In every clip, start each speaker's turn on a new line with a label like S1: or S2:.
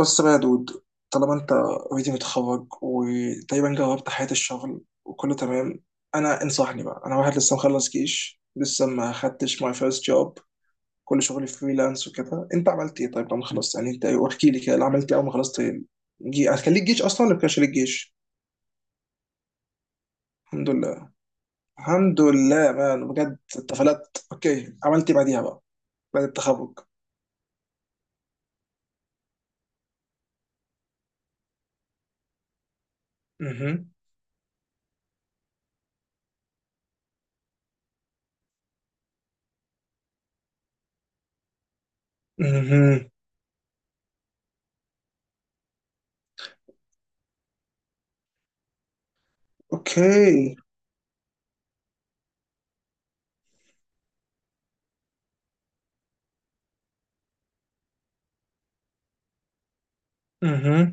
S1: بص بقى يا دود، طالما انت اوريدي متخرج وتقريبا جربت حياة الشغل وكله تمام. انا انصحني بقى، انا واحد لسه مخلص جيش، لسه ما خدتش ماي فيرست جوب. كل شغلي فريلانس وكده. انت عملت ايه طيب لما خلصت؟ يعني انت احكي لي كده اللي عملت ايه اول ما خلصت. كان ليك جيش اصلا ولا ما كانش ليك جيش؟ الحمد لله. الحمد لله مان بجد، اتفلت. اوكي، عملت ايه بعديها بقى؟ بعد التخرج. اها. اها. اوكي. اها.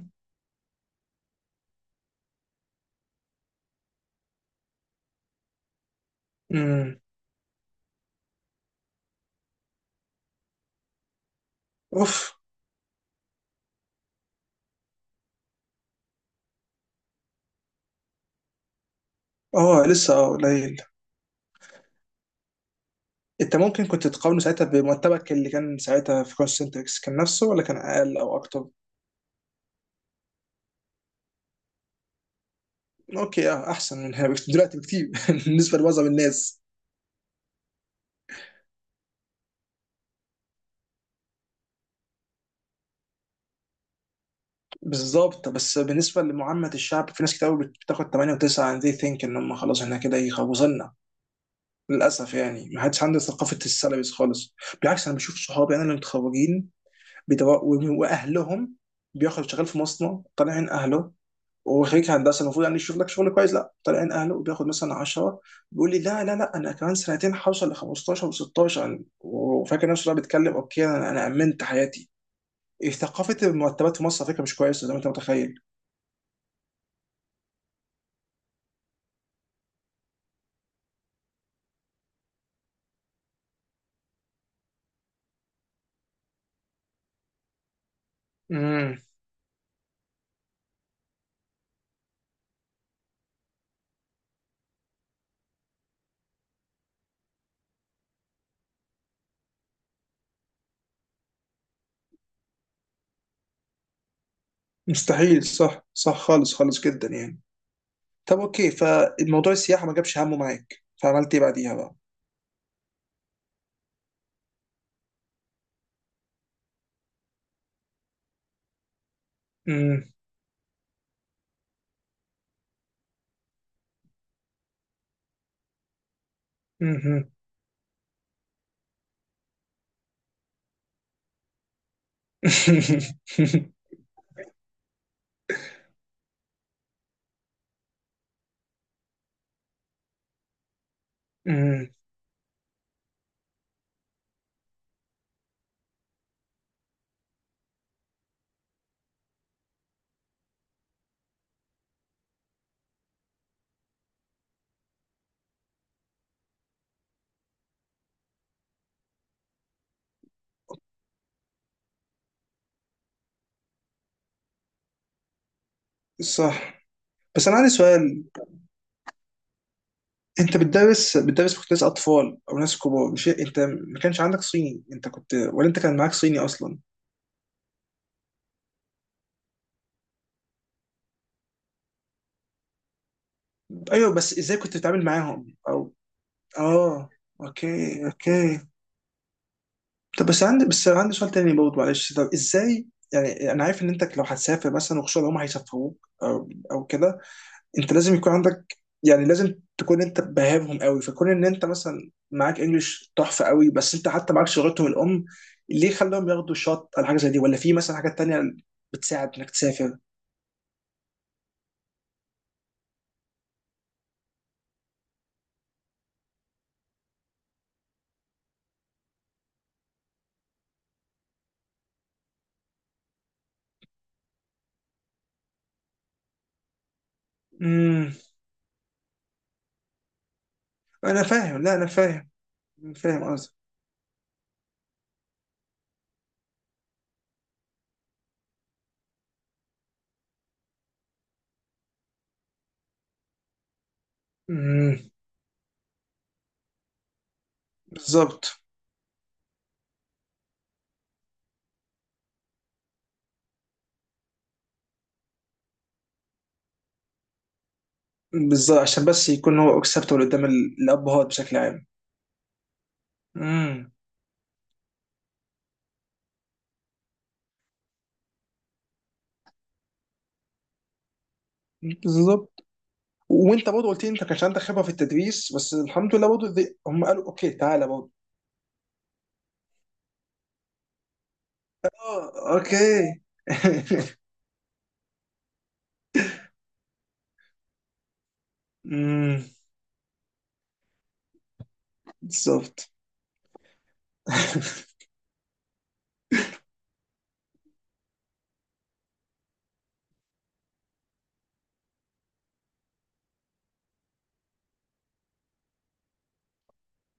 S1: امم اوف، اه لسه، اه قليل. انت ممكن كنت تقارنه ساعتها بمرتبك اللي كان ساعتها في كونسنتريكس، كان نفسه ولا كان اقل او اكتر؟ اوكي، اه احسن من هنا دلوقتي بكتير. بالنسبه لمعظم الناس. بالظبط، بس بالنسبه لمعامه الشعب في ناس كتير قوي بتاخد 8 و9، and they think ان هم خلاص احنا كده يخوصنا. للاسف يعني ما حدش عنده ثقافه السالاريز خالص. بالعكس، انا بشوف صحابي انا اللي متخرجين بيدوا- واهلهم، بياخد شغال في مصنع طالعين اهله. وخريج هندسه المفروض يعني يشوف لك شغل كويس، لا، طالع عين اهله وبياخد مثلا 10. بيقول لي لا لا لا، انا كمان سنتين هوصل ل 15 و16، وفاكر نفسه بقى بيتكلم اوكي، انا امنت حياتي. إيه، ثقافه المرتبات في مصر على فكره مش كويسه زي ما انت متخيل. امم، مستحيل، صح صح، خالص، خالص جدا يعني. طب اوكي، فالموضوع السياحه ما جابش همه معاك، فعملت ايه بعديها بقى؟ امم. امم. أمم. صح. بس انا عندي سؤال، انت بتدرس في كتاب اطفال او ناس كبار؟ مش انت ما كانش عندك صيني؟ انت كنت ولا انت كان معاك صيني اصلا؟ ايوه بس ازاي كنت بتتعامل معاهم اه؟ اوكي، اوكي. طب بس عندي سؤال تاني برضه، معلش، طب ازاي، يعني انا عارف ان انت لو هتسافر مثلا وخصوصا لو هم هيسافروك او كده، انت لازم يكون عندك، يعني لازم تكون انت باهبهم قوي، فكون ان انت مثلا معاك انجلش تحفه قوي، بس انت حتى معاكش لغتهم الام، ليه خلاهم ياخدوا شوت على حاجه زي دي، ولا في مثلا حاجات تانية بتساعد انك تسافر؟ امم. انا فاهم، لا انا فاهم. فاهم قصدي. امم. بالظبط، بالظبط، عشان بس يكون هو اكسبتبل قدام الابهات بشكل عام. امم. بالظبط. وانت برضه قلت لي انت كانش عندك خبره في التدريس، بس الحمد لله برضه هم قالوا اوكي تعالى برضه. اه اوكي. امم. بالظبط.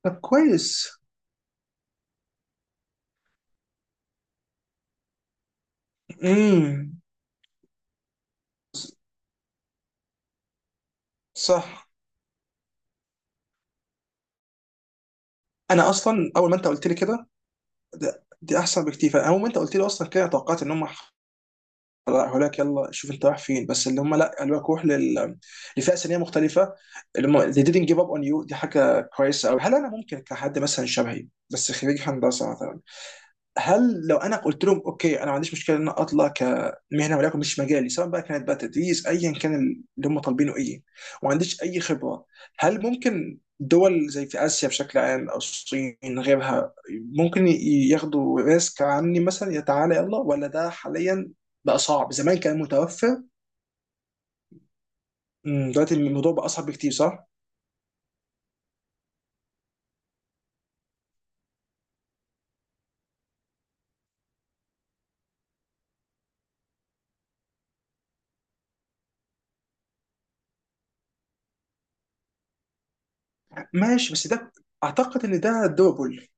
S1: طب كويس. امم. صح. انا اصلا اول ما انت قلت لي كده، دي احسن بكتير، فاول ما انت قلت لي اصلا كده توقعت ان هم هلاك يلا شوف انت رايح فين، بس اللي هم لا، قالوا لك روح لفئه سنيه مختلفه، اللي هم they didn't give up on you، دي حاجه كويسه قوي. هل انا ممكن كحد مثلا شبهي، بس خريج هندسه مثلا، هل لو انا قلت لهم اوكي انا ما عنديش مشكله ان انا اطلع كمهنه ولكن مش مجالي، سواء بقى كانت بقى تدريس ايا كان اللي هم طالبينه ايه، وما عنديش اي خبره، هل ممكن دول زي في اسيا بشكل عام او الصين غيرها ممكن ياخدوا ريسك عني مثلا، يا تعالى يلا، ولا ده حاليا بقى صعب؟ زمان كان متوفر. أمم، دلوقتي الموضوع بقى اصعب بكتير، صح؟ ماشي، بس ده، اعتقد ان ده دوبل.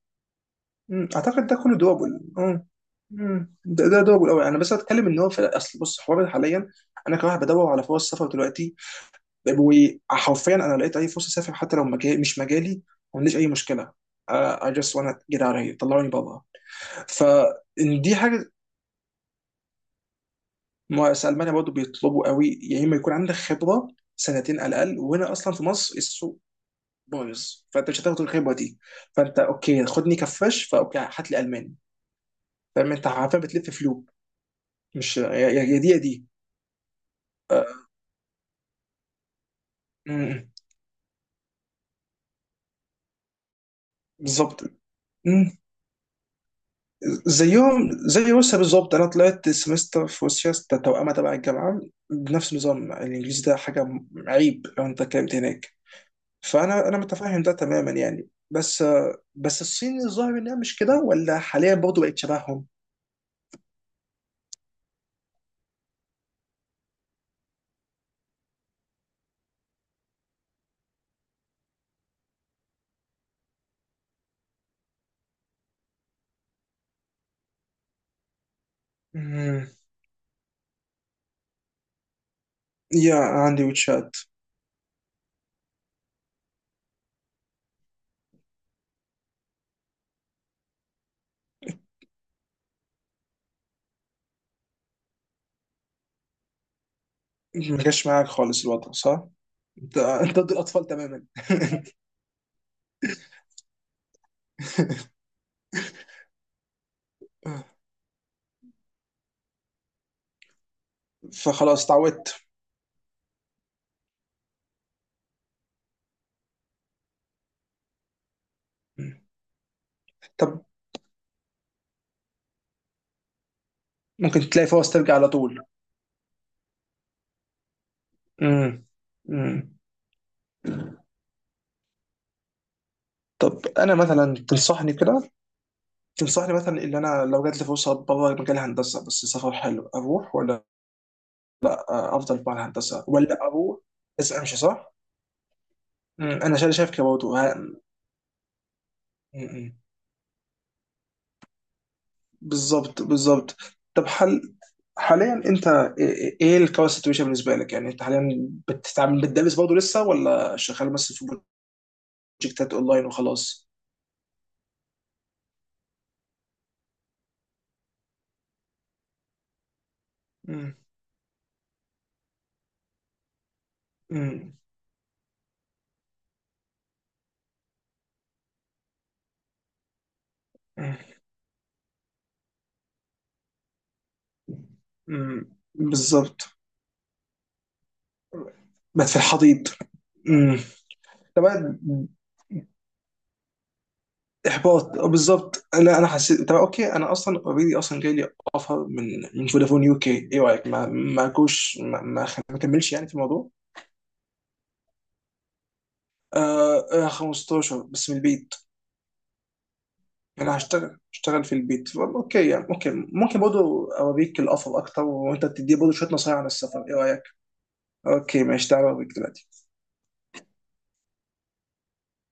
S1: مم. اعتقد ده كله دوبل اه. مم. ده دوبل قوي. انا بس اتكلم ان هو في اصل، بص حوار حاليا، انا كواحد بدور على فرص سفر دلوقتي، وحرفيا انا لقيت اي فرصه اسافر حتى لو مجال مش مجالي، ما عنديش اي مشكله، آه، I just wanna get out of here، طلعوني بره. فإن دي حاجه، ما في المانيا برضه بيطلبوا قوي، يا اما يكون عندك خبره سنتين على الاقل، وهنا اصلا في مصر السوق بايظ، فانت مش هتاخد الخبره دي، فانت اوكي خدني كفاش، فاوكي هات لي الماني، فاهم؟ انت عارفين بتلف فلوب، مش يا يا دي يا دي. آه، مم. بالظبط. مم. زيهم زي روسيا بالظبط، انا طلعت سمستر في روسيا ده توأمة تبع الجامعه بنفس النظام الانجليزي، ده حاجه عيب لو انت اتكلمت هناك، فانا متفاهم ده تماما يعني، بس آه، بس الصين الظاهر انها مش كده ولا حاليا برضه بقت شبههم؟ مم. يا عندي واتشات. ما جاش معاك خالص الوضع صح؟ انت ضد الاطفال تماما. فخلاص تعودت. طب ممكن تلاقي فرص ترجع على طول. امم. امم. طب انا مثلا تنصحني كده، تنصحني مثلا ان انا لو جات لي فرصه بره مجال الهندسه بس سفر حلو اروح، ولا افضل مع الهندسه، ولا اروح بس امشي صح؟ مم. انا شايف شايف كده برضه مم. بالظبط، بالظبط. طب حل، حاليا انت ايه، إيه الكورس سيتويشن بالنسبه لك؟ يعني انت حاليا بتتعامل بتدرس برضه لسه ولا شغال بس في بروجكتات اونلاين وخلاص؟ مم. مم. مم. بالظبط، مات في الحضيض. امم. طب بقى احباط. آه، بالظبط، انا حسيت، طب اوكي انا اصلا اوريدي اصلا جاي لي اوفر من فودافون يو كي، ايه رايك ما ما كوش ما, ما خ- ما كملش يعني في الموضوع؟ 15 بس من البيت، انا هشتغل في البيت والله. اوكي يعني، اوكي، ممكن برضه اوريك الاوفر اكتر وانت تدي برضه شويه نصايح عن السفر، ايه رايك؟ اوكي ماشي، تعالى اوريك دلوقتي.